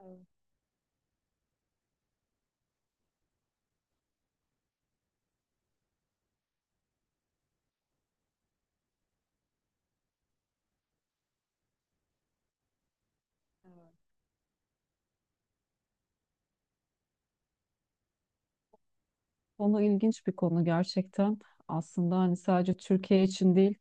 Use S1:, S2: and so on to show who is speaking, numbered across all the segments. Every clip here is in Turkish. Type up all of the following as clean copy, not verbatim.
S1: Evet, evet. Konu ilginç bir konu gerçekten. Aslında hani sadece Türkiye için değil,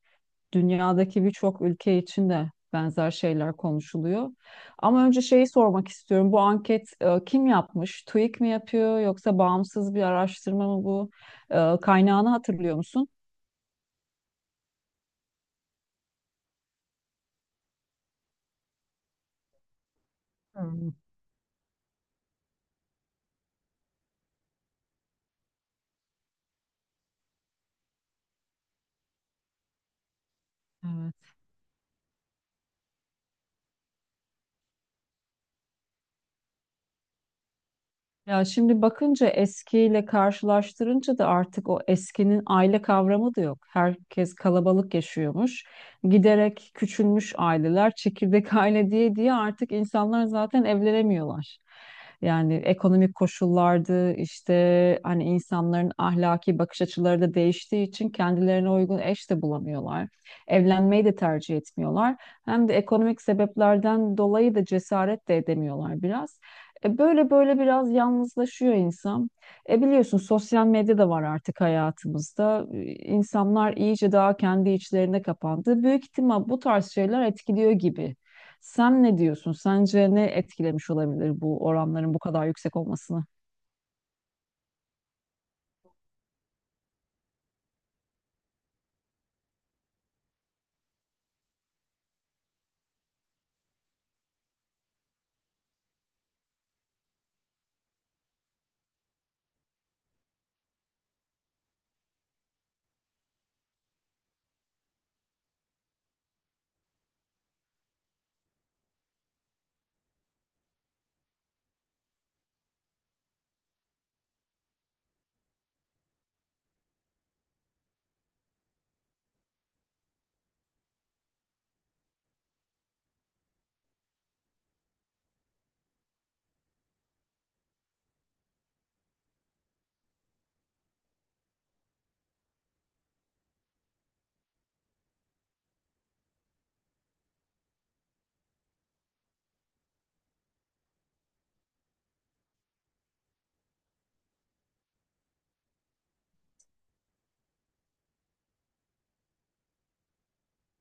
S1: dünyadaki birçok ülke için de benzer şeyler konuşuluyor. Ama önce şeyi sormak istiyorum. Bu anket kim yapmış? TÜİK mi yapıyor yoksa bağımsız bir araştırma mı bu? Kaynağını hatırlıyor musun? Hmm. Evet. Ya şimdi bakınca eskiyle karşılaştırınca da artık o eskinin aile kavramı da yok. Herkes kalabalık yaşıyormuş. Giderek küçülmüş aileler, çekirdek aile diye diye artık insanlar zaten evlenemiyorlar. Yani ekonomik koşullardı işte hani insanların ahlaki bakış açıları da değiştiği için kendilerine uygun eş de bulamıyorlar. Evlenmeyi de tercih etmiyorlar. Hem de ekonomik sebeplerden dolayı da cesaret de edemiyorlar biraz. Böyle böyle biraz yalnızlaşıyor insan. Biliyorsun sosyal medya da var artık hayatımızda. İnsanlar iyice daha kendi içlerine kapandı. Büyük ihtimal bu tarz şeyler etkiliyor gibi. Sen ne diyorsun? Sence ne etkilemiş olabilir bu oranların bu kadar yüksek olmasını?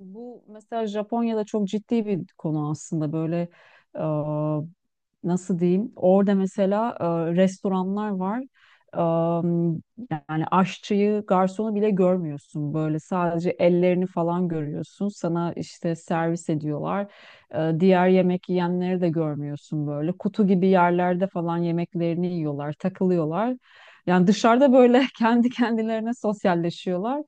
S1: Bu mesela Japonya'da çok ciddi bir konu aslında böyle e, nasıl diyeyim, orada mesela restoranlar var. E, Yani aşçıyı, garsonu bile görmüyorsun, böyle sadece ellerini falan görüyorsun, sana işte servis ediyorlar. Diğer yemek yiyenleri de görmüyorsun, böyle kutu gibi yerlerde falan yemeklerini yiyorlar, takılıyorlar, yani dışarıda böyle kendi kendilerine sosyalleşiyorlar.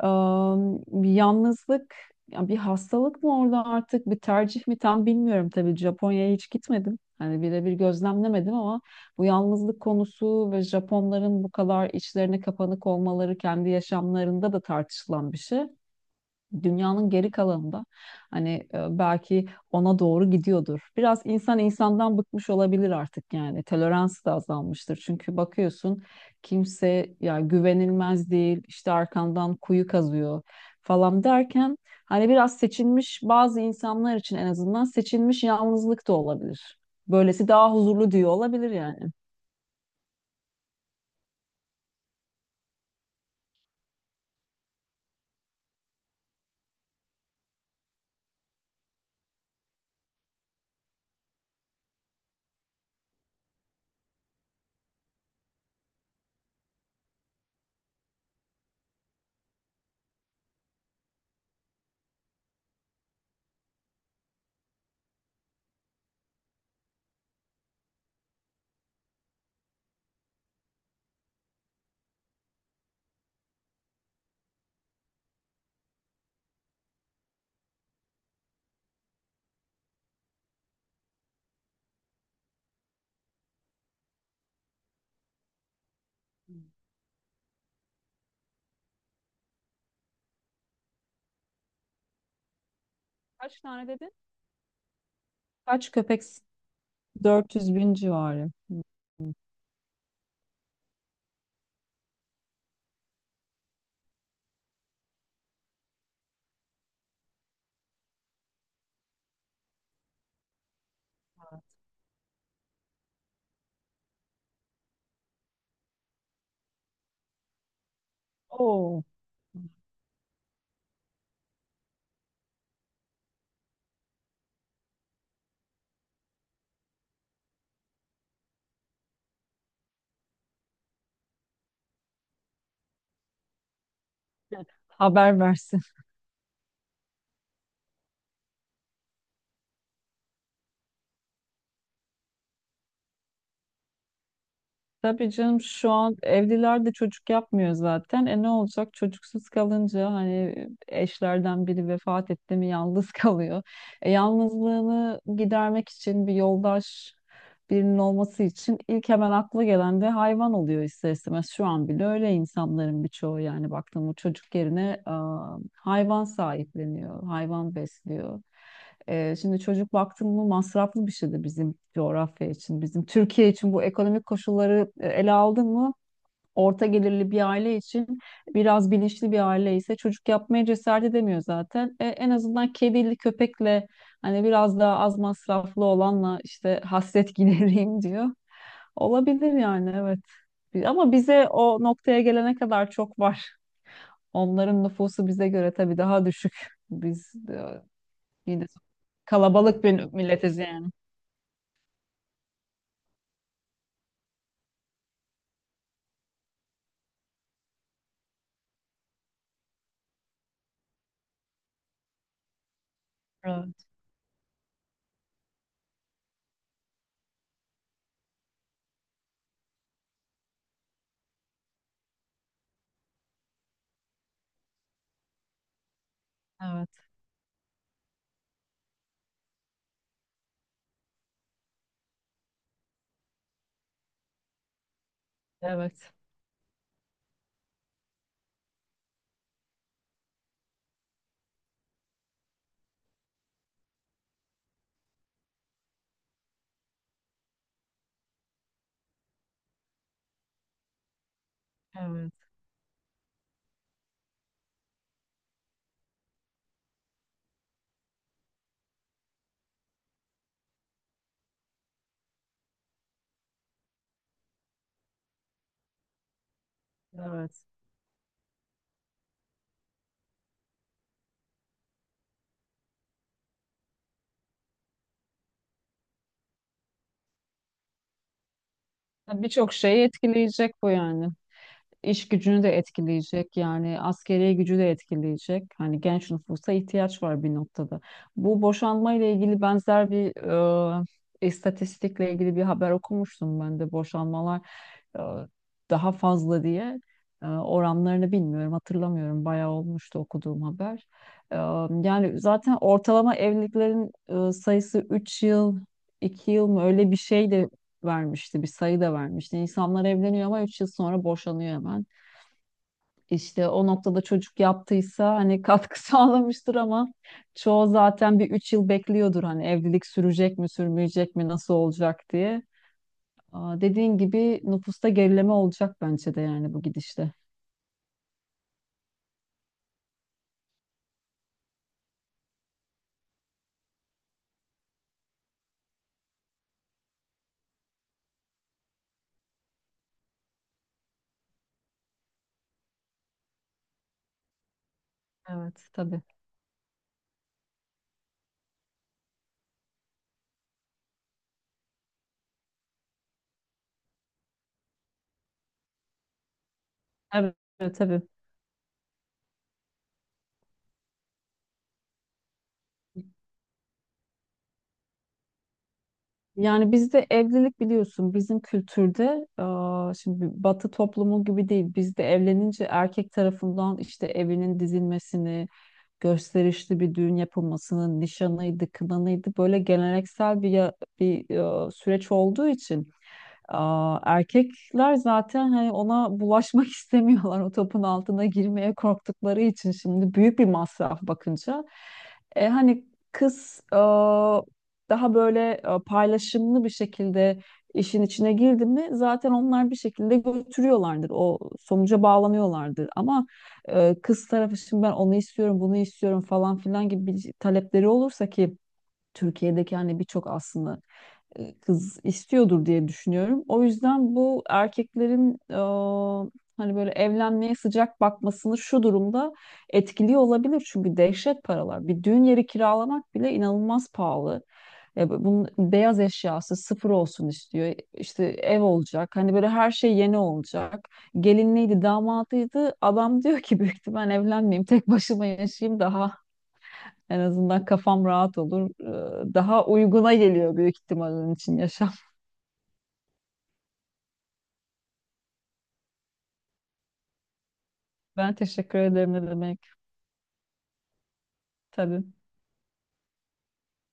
S1: Am, Yalnızlık ya bir hastalık mı orada artık, bir tercih mi tam bilmiyorum, tabii Japonya'ya hiç gitmedim. Hani birebir gözlemlemedim ama bu yalnızlık konusu ve Japonların bu kadar içlerine kapanık olmaları kendi yaşamlarında da tartışılan bir şey. Dünyanın geri kalanında hani belki ona doğru gidiyordur. Biraz insan insandan bıkmış olabilir artık yani. Tolerans da azalmıştır. Çünkü bakıyorsun kimse ya güvenilmez değil, işte arkandan kuyu kazıyor falan derken hani biraz seçilmiş bazı insanlar için, en azından seçilmiş yalnızlık da olabilir. Böylesi daha huzurlu diyor olabilir yani. Kaç tane dedin? Kaç köpek? 400 bin civarı. Oo. Haber versin. Tabii canım, şu an evliler de çocuk yapmıyor zaten. Ne olacak çocuksuz kalınca, hani eşlerden biri vefat etti mi yalnız kalıyor. Yalnızlığını gidermek için bir yoldaş, birinin olması için ilk hemen akla gelen de hayvan oluyor ister istemez. Şu an bile öyle, insanların birçoğu yani baktığımda çocuk yerine hayvan sahipleniyor, hayvan besliyor. Şimdi çocuk baktığımda masraflı bir şeydi, bizim coğrafya için, bizim Türkiye için, bu ekonomik koşulları ele aldın mı, orta gelirli bir aile için, biraz bilinçli bir aile ise çocuk yapmaya cesaret edemiyor zaten. En azından kedili köpekle hani biraz daha az masraflı olanla işte hasret gidereyim diyor. Olabilir yani, evet. Ama bize o noktaya gelene kadar çok var. Onların nüfusu bize göre tabii daha düşük. Biz de yine kalabalık bir milletiz yani. Evet, evet, evet, evet, evet. Birçok şeyi etkileyecek bu yani. İş gücünü de etkileyecek, yani askeri gücü de etkileyecek. Hani genç nüfusa ihtiyaç var bir noktada. Bu boşanma ile ilgili benzer bir e, istatistikle ilgili bir haber okumuştum ben de, boşanmalar e, daha fazla diye. Oranlarını bilmiyorum, hatırlamıyorum, bayağı olmuştu okuduğum haber. E, Yani zaten ortalama evliliklerin sayısı 3 yıl, 2 yıl mı, öyle bir şey de vermişti, bir sayı da vermişti. İnsanlar evleniyor ama 3 yıl sonra boşanıyor hemen. İşte o noktada çocuk yaptıysa hani katkı sağlamıştır ama çoğu zaten bir 3 yıl bekliyordur, hani evlilik sürecek mi sürmeyecek mi, nasıl olacak diye. Aa, dediğin gibi nüfusta gerileme olacak bence de yani, bu gidişle. Evet, tabii. Evet, tabii. Yani bizde evlilik biliyorsun, bizim kültürde şimdi Batı toplumu gibi değil. Bizde evlenince erkek tarafından işte evinin dizilmesini, gösterişli bir düğün yapılmasını, nişanıydı, kınanıydı, böyle geleneksel bir bir süreç olduğu için. Erkekler zaten hani ona bulaşmak istemiyorlar, o topun altına girmeye korktukları için, şimdi büyük bir masraf bakınca. Hani kız daha böyle paylaşımlı bir şekilde işin içine girdi mi, zaten onlar bir şekilde götürüyorlardır. O sonuca bağlanıyorlardır. Ama kız tarafı şimdi ben onu istiyorum, bunu istiyorum falan filan gibi bir talepleri olursa ki Türkiye'deki hani birçok aslında kız istiyordur diye düşünüyorum. O yüzden bu erkeklerin hani böyle evlenmeye sıcak bakmasını şu durumda etkiliyor olabilir. Çünkü dehşet paralar. Bir düğün yeri kiralamak bile inanılmaz pahalı. Bunun beyaz eşyası sıfır olsun istiyor. İşte ev olacak. Hani böyle her şey yeni olacak. Gelinliydi, damadıydı. Adam diyor ki büyük ihtimal evlenmeyeyim, tek başıma yaşayayım, daha en azından kafam rahat olur. Daha uyguna geliyor büyük ihtimal onun için yaşam. Ben teşekkür ederim, ne demek. Tabii.